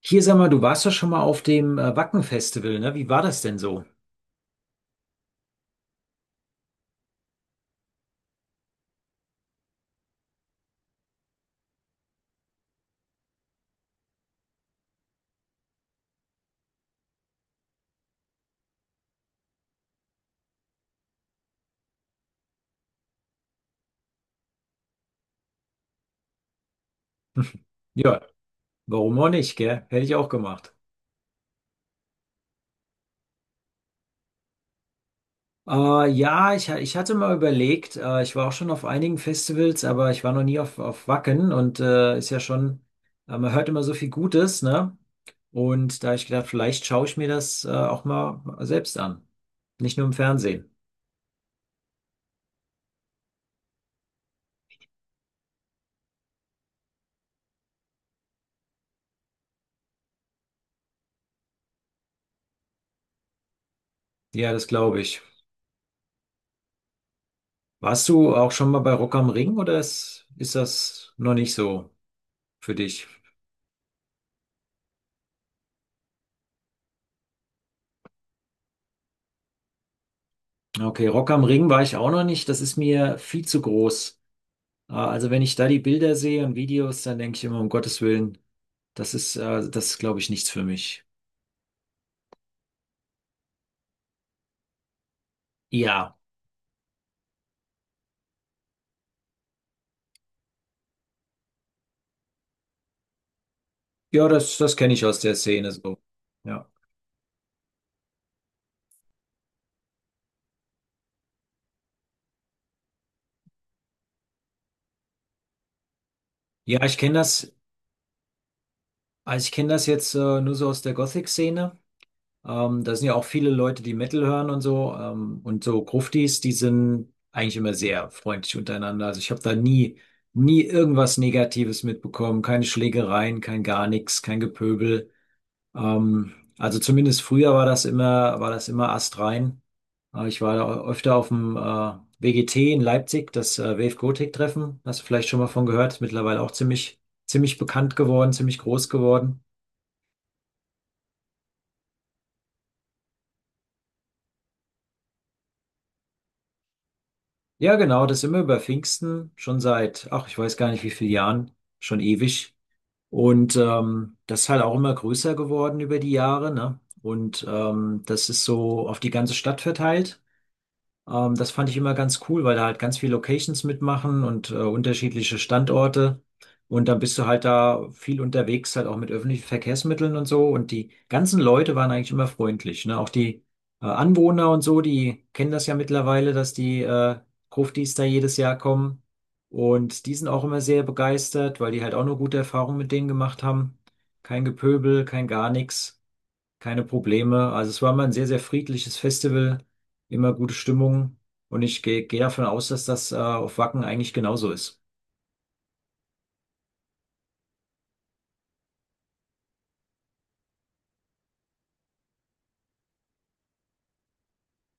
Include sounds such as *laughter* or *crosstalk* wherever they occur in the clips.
Hier sag mal, du warst doch schon mal auf dem Wacken-Festival, ne? Wie war das denn so? Ja, warum auch nicht, gell? Hätte ich auch gemacht. Ich hatte mal überlegt, ich war auch schon auf einigen Festivals, aber ich war noch nie auf, auf Wacken und ist ja schon, man hört immer so viel Gutes, ne? Und da hab ich gedacht, vielleicht schaue ich mir das auch mal selbst an. Nicht nur im Fernsehen. Ja, das glaube ich. Warst du auch schon mal bei Rock am Ring oder ist das noch nicht so für dich? Okay, Rock am Ring war ich auch noch nicht. Das ist mir viel zu groß. Also wenn ich da die Bilder sehe und Videos, dann denke ich immer, um Gottes Willen, das ist, glaube ich, nichts für mich. Ja, ja, das, das kenne ich aus der Szene so. Ja, ja, ich kenne das, also ich kenne das jetzt nur so aus der Gothic-Szene. Da sind ja auch viele Leute, die Metal hören und so. Und so Gruftis, die sind eigentlich immer sehr freundlich untereinander. Also ich habe da nie, nie irgendwas Negatives mitbekommen. Keine Schlägereien, kein gar nichts, kein Gepöbel. Also zumindest früher war das immer astrein. Ich war da öfter auf dem WGT in Leipzig, das Wave Gothic Treffen. Hast du vielleicht schon mal von gehört? Ist mittlerweile auch ziemlich, ziemlich bekannt geworden, ziemlich groß geworden. Ja, genau, das sind wir über Pfingsten schon seit, ach, ich weiß gar nicht wie vielen Jahren, schon ewig. Und das ist halt auch immer größer geworden über die Jahre, ne? Und das ist so auf die ganze Stadt verteilt. Das fand ich immer ganz cool, weil da halt ganz viele Locations mitmachen und unterschiedliche Standorte. Und dann bist du halt da viel unterwegs, halt auch mit öffentlichen Verkehrsmitteln und so. Und die ganzen Leute waren eigentlich immer freundlich, ne? Auch die Anwohner und so, die kennen das ja mittlerweile, dass die Gruftis da jedes Jahr kommen. Und die sind auch immer sehr begeistert, weil die halt auch eine gute Erfahrung mit denen gemacht haben. Kein Gepöbel, kein gar nichts, keine Probleme. Also es war immer ein sehr, sehr friedliches Festival, immer gute Stimmung. Und ich gehe davon aus, dass das auf Wacken eigentlich genauso ist.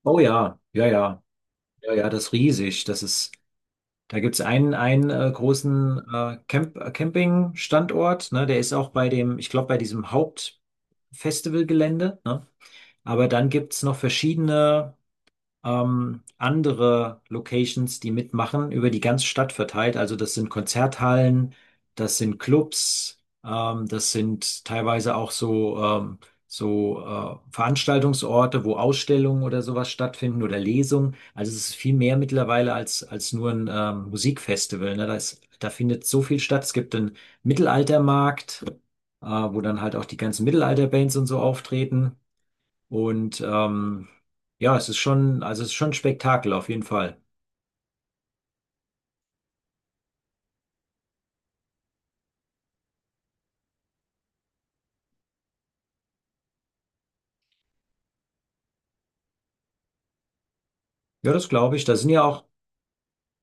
Oh ja, ja, ja, ja, ja, das ist riesig. Das ist, da gibt's einen, einen großen Camp, Camping-Standort, ne? Der ist auch bei dem, ich glaube, bei diesem Hauptfestivalgelände, ne? Aber dann gibt's noch verschiedene andere Locations, die mitmachen, über die ganze Stadt verteilt. Also das sind Konzerthallen, das sind Clubs, das sind teilweise auch so, Veranstaltungsorte, wo Ausstellungen oder sowas stattfinden oder Lesungen. Also es ist viel mehr mittlerweile als, als nur ein Musikfestival. Ne? Da ist, da findet so viel statt. Es gibt einen Mittelaltermarkt, wo dann halt auch die ganzen Mittelalterbands und so auftreten. Und ja, es ist schon, also es ist schon ein Spektakel auf jeden Fall. Ja, das glaube ich. Da sind ja auch,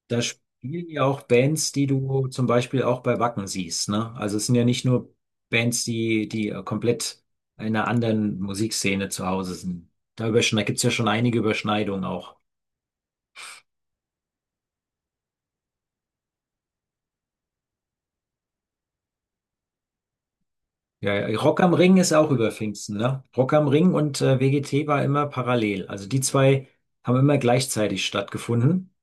da spielen ja auch Bands, die du zum Beispiel auch bei Wacken siehst, ne? Also es sind ja nicht nur Bands, die, die komplett in einer anderen Musikszene zu Hause sind. Da überschne gibt ja schon einige Überschneidungen auch. Ja, ja, Rock am Ring ist auch über Pfingsten, ne? Rock am Ring und WGT war immer parallel. Also die zwei haben immer gleichzeitig stattgefunden.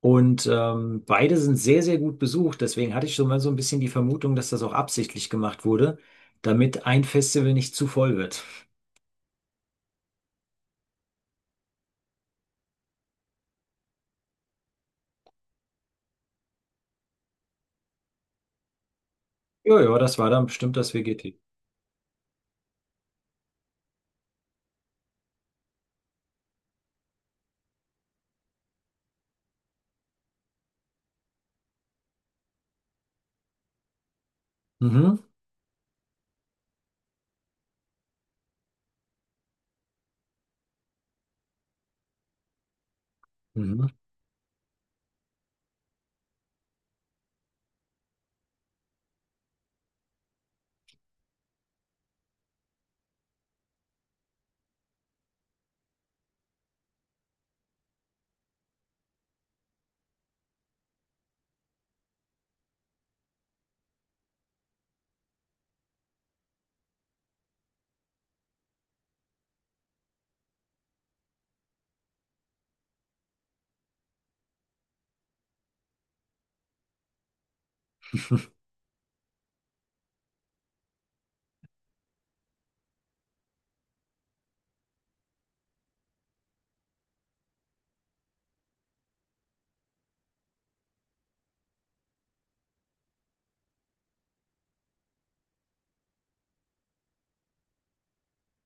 Und beide sind sehr, sehr gut besucht. Deswegen hatte ich schon mal so ein bisschen die Vermutung, dass das auch absichtlich gemacht wurde, damit ein Festival nicht zu voll wird. Ja, ja, das war dann bestimmt das VGT. Mhm, mhm.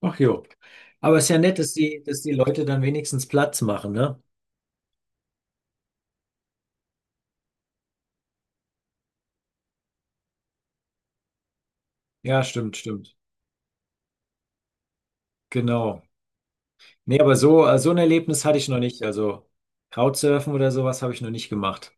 Ach jo. Aber es ist ja nett, dass die Leute dann wenigstens Platz machen, ne? Ja, stimmt, stimmt. Genau. Nee, aber so, so ein Erlebnis hatte ich noch nicht. Also Crowdsurfen oder sowas habe ich noch nicht gemacht.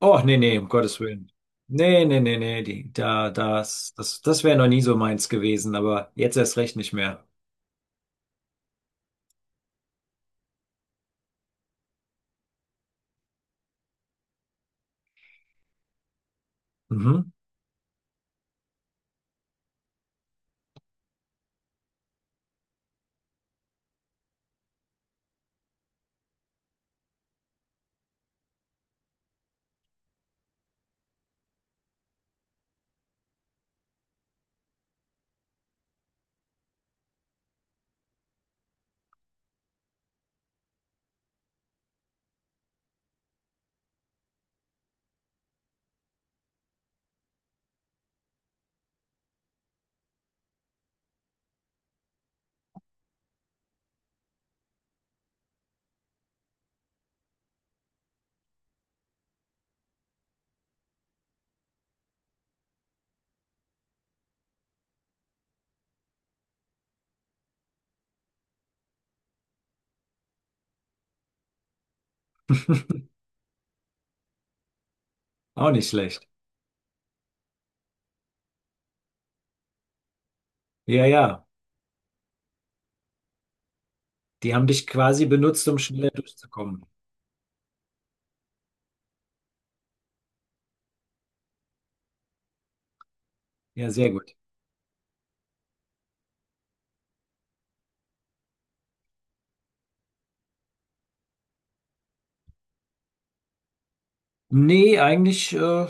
Oh, nee, nee, um Gottes Willen. Nee, nee, nee, nee, die, da, das, das, das wäre noch nie so meins gewesen, aber jetzt erst recht nicht mehr. Mhm. *laughs* Auch nicht schlecht. Ja, ja. Die haben dich quasi benutzt, um schneller durchzukommen. Ja, sehr gut. Nee, eigentlich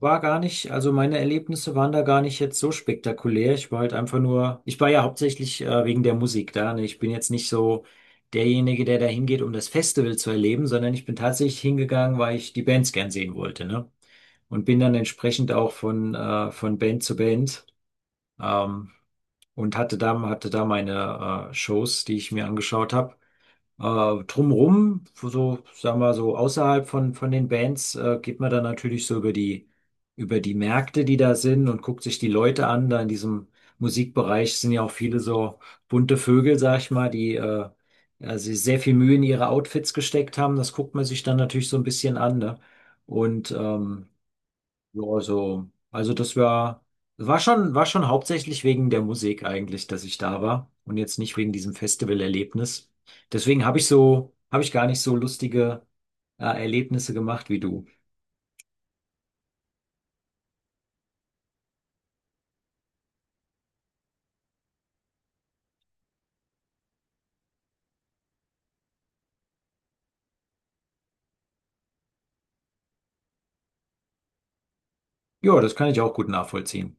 war gar nicht, also meine Erlebnisse waren da gar nicht jetzt so spektakulär. Ich war halt einfach nur, ich war ja hauptsächlich wegen der Musik da. Ne? Ich bin jetzt nicht so derjenige, der da hingeht, um das Festival zu erleben, sondern ich bin tatsächlich hingegangen, weil ich die Bands gern sehen wollte. Ne? Und bin dann entsprechend auch von Band zu Band ähm, und hatte da meine Shows, die ich mir angeschaut habe. Drumrum, so, sagen wir so, außerhalb von den Bands, geht man dann natürlich so über die Märkte, die da sind und guckt sich die Leute an. Da in diesem Musikbereich sind ja auch viele so bunte Vögel, sag ich mal, die also sehr viel Mühe in ihre Outfits gesteckt haben. Das guckt man sich dann natürlich so ein bisschen an, ne? Und ja, also das war, war schon hauptsächlich wegen der Musik eigentlich, dass ich da war und jetzt nicht wegen diesem Festivalerlebnis. Deswegen habe ich so, habe ich gar nicht so lustige Erlebnisse gemacht wie du. Ja, das kann ich auch gut nachvollziehen.